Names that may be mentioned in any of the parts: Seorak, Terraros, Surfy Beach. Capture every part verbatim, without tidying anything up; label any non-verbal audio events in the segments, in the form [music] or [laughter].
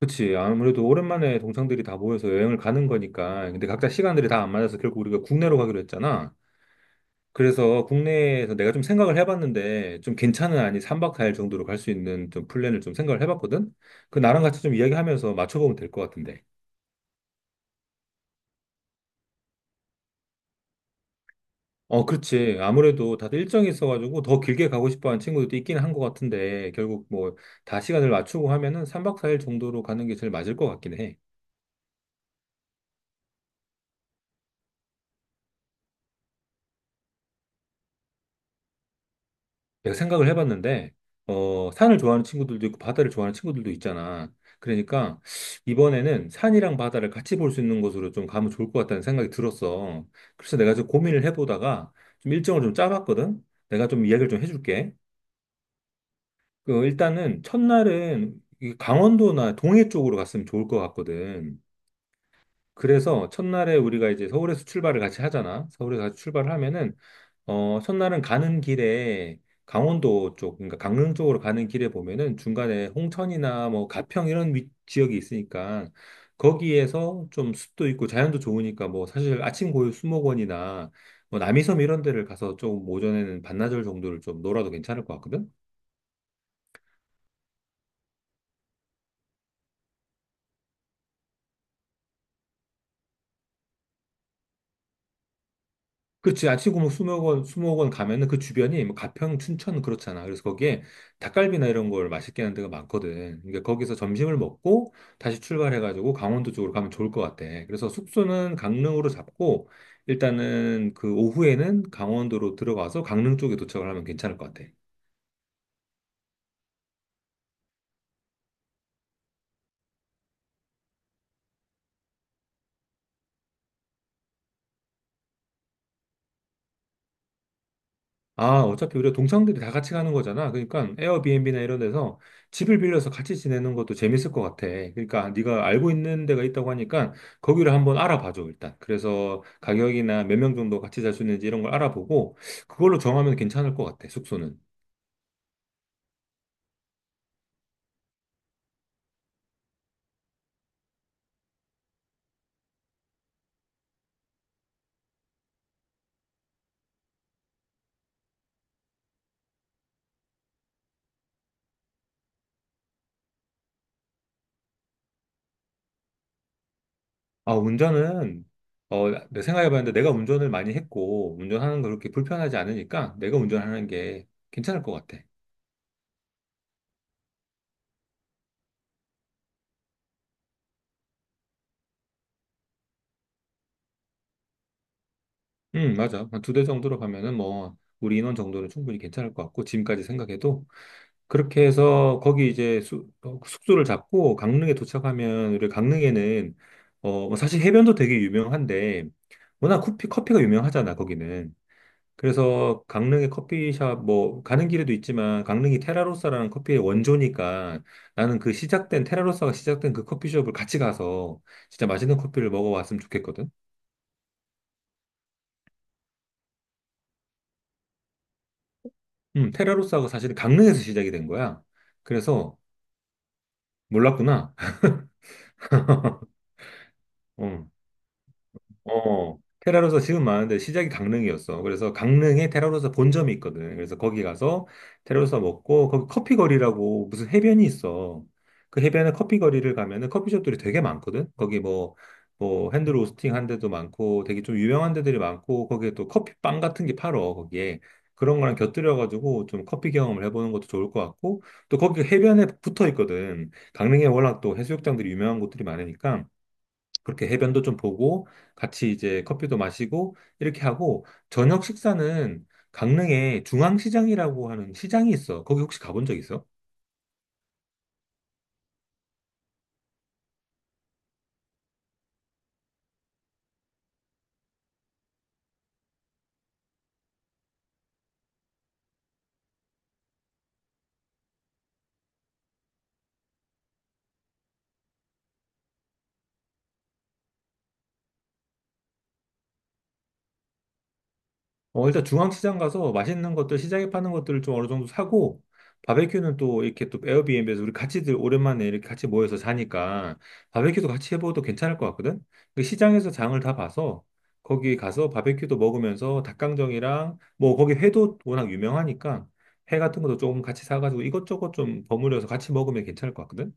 그치. 아무래도 오랜만에 동창들이 다 모여서 여행을 가는 거니까. 근데 각자 시간들이 다 안 맞아서 결국 우리가 국내로 가기로 했잖아. 그래서 국내에서 내가 좀 생각을 해봤는데 좀 괜찮은, 아니 삼 박 사 일 정도로 갈 수 있는 좀 플랜을 좀 생각을 해봤거든? 그 나랑 같이 좀 이야기하면서 맞춰보면 될 것 같은데. 어, 그렇지. 아무래도 다들 일정이 있어가지고 더 길게 가고 싶어 하는 친구들도 있긴 한 것 같은데, 결국 뭐 다 시간을 맞추고 하면은 삼 박 사 일 정도로 가는 게 제일 맞을 것 같긴 해. 내가 생각을 해봤는데, 어, 산을 좋아하는 친구들도 있고, 바다를 좋아하는 친구들도 있잖아. 그러니까 이번에는 산이랑 바다를 같이 볼 수 있는 곳으로 좀 가면 좋을 것 같다는 생각이 들었어. 그래서 내가 좀 고민을 해보다가 좀 일정을 좀 짜봤거든? 내가 좀 이야기를 좀 해줄게. 그, 일단은 첫날은 이 강원도나 동해 쪽으로 갔으면 좋을 것 같거든. 그래서 첫날에 우리가 이제 서울에서 출발을 같이 하잖아. 서울에서 같이 출발을 하면은, 어, 첫날은 가는 길에 강원도 쪽, 그러니까 강릉 쪽으로 가는 길에 보면은 중간에 홍천이나 뭐 가평 이런 위- 지역이 있으니까 거기에서 좀 숲도 있고 자연도 좋으니까 뭐 사실 아침고요 수목원이나 뭐 남이섬 이런 데를 가서 좀 오전에는 반나절 정도를 좀 놀아도 괜찮을 것 같거든? 그렇지. 아치구무 수목원, 수목원 가면은 그 주변이 뭐 가평, 춘천 그렇잖아. 그래서 거기에 닭갈비나 이런 걸 맛있게 하는 데가 많거든. 그러니까 거기서 점심을 먹고 다시 출발해가지고 강원도 쪽으로 가면 좋을 것 같아. 그래서 숙소는 강릉으로 잡고 일단은 그 오후에는 강원도로 들어가서 강릉 쪽에 도착을 하면 괜찮을 것 같아. 아, 어차피 우리가 동창들이 다 같이 가는 거잖아. 그러니까 에어비앤비나 이런 데서 집을 빌려서 같이 지내는 것도 재밌을 것 같아. 그러니까 네가 알고 있는 데가 있다고 하니까 거기를 한번 알아봐줘, 일단. 그래서 가격이나 몇 명 정도 같이 잘 수 있는지 이런 걸 알아보고 그걸로 정하면 괜찮을 것 같아, 숙소는. 아, 운전은, 어, 내 생각해봤는데 내가 운전을 많이 했고 운전하는 거 그렇게 불편하지 않으니까 내가 운전하는 게 괜찮을 것 같아. 음, 맞아. 한 두 대 정도로 가면은 뭐 우리 인원 정도는 충분히 괜찮을 것 같고, 지금까지 생각해도. 그렇게 해서 거기 이제 숙, 소를 잡고 강릉에 도착하면 우리 강릉에는, 어, 뭐 사실 해변도 되게 유명한데, 워낙 커피, 커피가 유명하잖아, 거기는. 그래서 강릉의 커피숍, 뭐 가는 길에도 있지만, 강릉이 테라로사라는 커피의 원조니까 나는 그 시작된, 테라로사가 시작된 그 커피숍을 같이 가서 진짜 맛있는 커피를 먹어왔으면 좋겠거든. 음, 테라로사가 사실 강릉에서 시작이 된 거야. 그래서 몰랐구나. [laughs] 어. 어, 테라로서 지금 많은데 시작이 강릉이었어. 그래서 강릉에 테라로서 본점이 있거든. 그래서 거기 가서 테라로서 먹고 거기 커피 거리라고 무슨 해변이 있어. 그 해변에 커피 거리를 가면은 커피숍들이 되게 많거든. 거기 뭐 뭐 핸드 로스팅 한 데도 많고 되게 좀 유명한 데들이 많고 거기에 또 커피빵 같은 게 팔어 거기에 그런 거랑 곁들여가지고 좀 커피 경험을 해보는 것도 좋을 것 같고 또 거기 해변에 붙어 있거든. 강릉에 워낙 또 해수욕장들이 유명한 곳들이 많으니까 그렇게 해변도 좀 보고 같이 이제 커피도 마시고 이렇게 하고, 저녁 식사는 강릉에 중앙시장이라고 하는 시장이 있어. 거기 혹시 가본 적 있어? 어, 일단 중앙시장 가서 맛있는 것들, 시장에 파는 것들을 좀 어느 정도 사고, 바베큐는 또 이렇게 또 에어비앤비에서 우리 같이들 오랜만에 이렇게 같이 모여서 자니까 바베큐도 같이 해봐도 괜찮을 것 같거든? 그 시장에서 장을 다 봐서 거기 가서 바베큐도 먹으면서 닭강정이랑 뭐 거기 회도 워낙 유명하니까 회 같은 것도 조금 같이 사가지고 이것저것 좀 버무려서 같이 먹으면 괜찮을 것 같거든?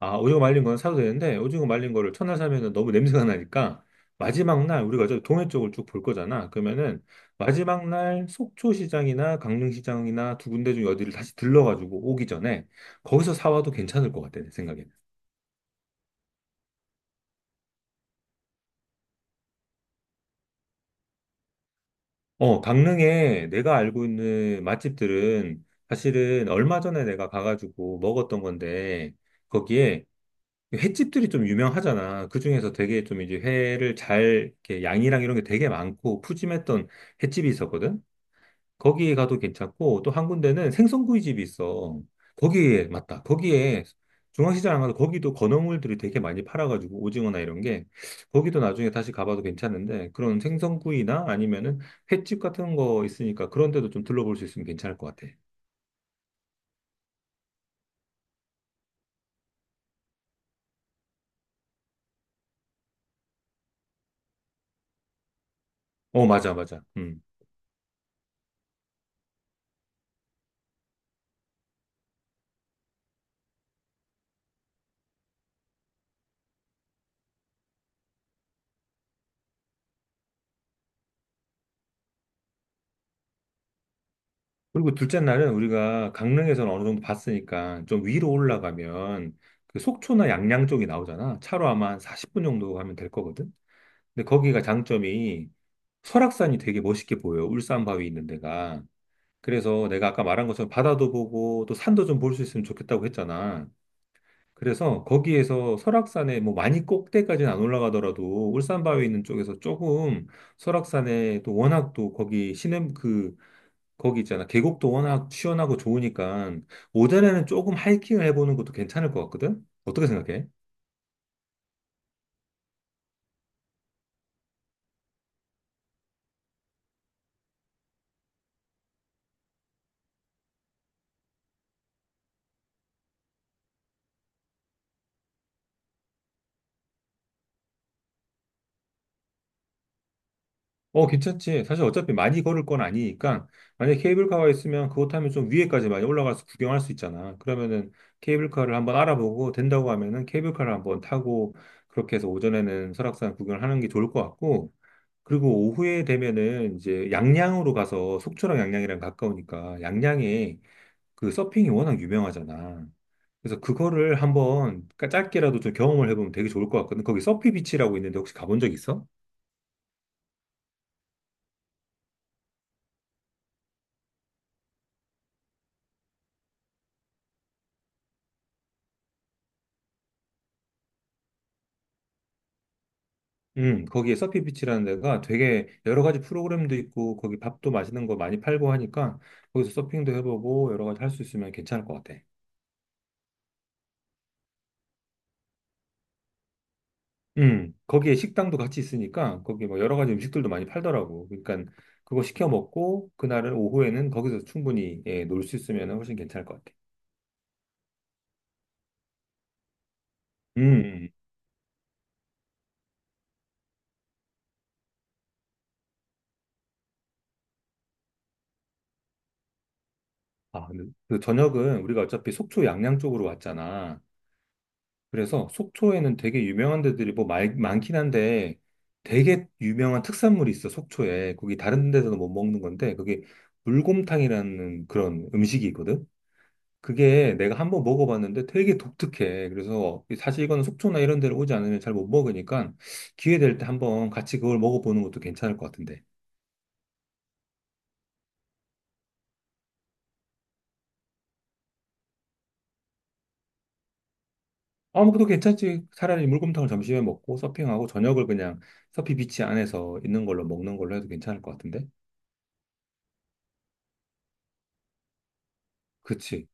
아, 오징어 말린 건 사도 되는데 오징어 말린 거를 첫날 사면은 너무 냄새가 나니까 마지막 날, 우리가 저 동해 쪽을 쭉 볼 거잖아. 그러면은 마지막 날 속초시장이나 강릉시장이나 두 군데 중에 어디를 다시 들러가지고 오기 전에 거기서 사와도 괜찮을 것 같아, 내 생각에는. 어, 강릉에 내가 알고 있는 맛집들은 사실은 얼마 전에 내가 가가지고 먹었던 건데 거기에 횟집들이 좀 유명하잖아. 그중에서 되게 좀 이제 회를 잘, 이렇게 양이랑 이런 게 되게 많고 푸짐했던 횟집이 있었거든. 거기에 가도 괜찮고, 또 한 군데는 생선구이집이 있어. 거기에, 맞다. 거기에 중앙시장 안 가도 거기도 건어물들이 되게 많이 팔아가지고 오징어나 이런 게. 거기도 나중에 다시 가봐도 괜찮은데 그런 생선구이나 아니면은 횟집 같은 거 있으니까 그런 데도 좀 둘러볼 수 있으면 괜찮을 것 같아. 어, 맞아, 맞아. 음. 그리고 둘째 날은 우리가 강릉에서는 어느 정도 봤으니까 좀 위로 올라가면 그 속초나 양양 쪽이 나오잖아. 차로 아마 한 사십 분 정도 가면 될 거거든. 근데 거기가 장점이 설악산이 되게 멋있게 보여. 울산 바위 있는 데가. 그래서 내가 아까 말한 것처럼 바다도 보고 또 산도 좀 볼 수 있으면 좋겠다고 했잖아. 그래서 거기에서 설악산에 뭐 많이 꼭대까지는 안 올라가더라도 울산 바위 있는 쪽에서 조금 설악산에 또 워낙 또 거기 시냇 그 거기 있잖아. 계곡도 워낙 시원하고 좋으니까 오전에는 조금 하이킹을 해보는 것도 괜찮을 것 같거든? 어떻게 생각해? 어, 괜찮지. 사실 어차피 많이 걸을 건 아니니까 만약에 케이블카가 있으면 그것 타면 좀 위에까지 많이 올라가서 구경할 수 있잖아. 그러면은 케이블카를 한번 알아보고 된다고 하면은 케이블카를 한번 타고 그렇게 해서 오전에는 설악산 구경을 하는 게 좋을 것 같고 그리고 오후에 되면은 이제 양양으로 가서 속초랑 양양이랑 가까우니까 양양에 그 서핑이 워낙 유명하잖아. 그래서 그거를 한번 짧게라도 좀 경험을 해보면 되게 좋을 것 같거든. 거기 서피 비치라고 있는데 혹시 가본 적 있어? 음, 거기에 서피 비치라는 데가 되게 여러 가지 프로그램도 있고 거기 밥도 맛있는 거 많이 팔고 하니까 거기서 서핑도 해보고 여러 가지 할 수 있으면 괜찮을 것 같아. 음, 거기에 식당도 같이 있으니까 거기 뭐 여러 가지 음식들도 많이 팔더라고. 그러니까 그거 시켜 먹고 그날은 오후에는 거기서 충분히 예, 놀 수 있으면 훨씬 괜찮을 것 같아. 음. 아, 근데 그 저녁은 우리가 어차피 속초 양양 쪽으로 왔잖아. 그래서 속초에는 되게 유명한 데들이 뭐 많, 많긴 한데 되게 유명한 특산물이 있어, 속초에. 거기 다른 데서는 못 먹는 건데 그게 물곰탕이라는 그런 음식이 있거든. 그게 내가 한번 먹어봤는데 되게 독특해. 그래서 사실 이거는 속초나 이런 데를 오지 않으면 잘 못 먹으니까 기회 될 때 한번 같이 그걸 먹어보는 것도 괜찮을 것 같은데. 아, 뭐, 그도 괜찮지. 차라리 물곰탕을 점심에 먹고 서핑하고 저녁을 그냥 서피 비치 안에서 있는 걸로 먹는 걸로 해도 괜찮을 것 같은데? 그치.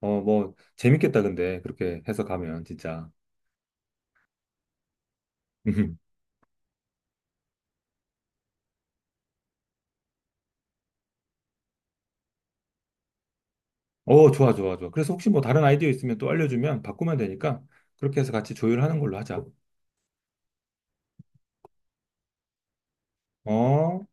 어, 뭐, 재밌겠다, 근데. 그렇게 해서 가면, 진짜. [laughs] 어, 좋아, 좋아, 좋아. 그래서 혹시 뭐 다른 아이디어 있으면 또 알려주면 바꾸면 되니까 그렇게 해서 같이 조율하는 걸로 하자. 어?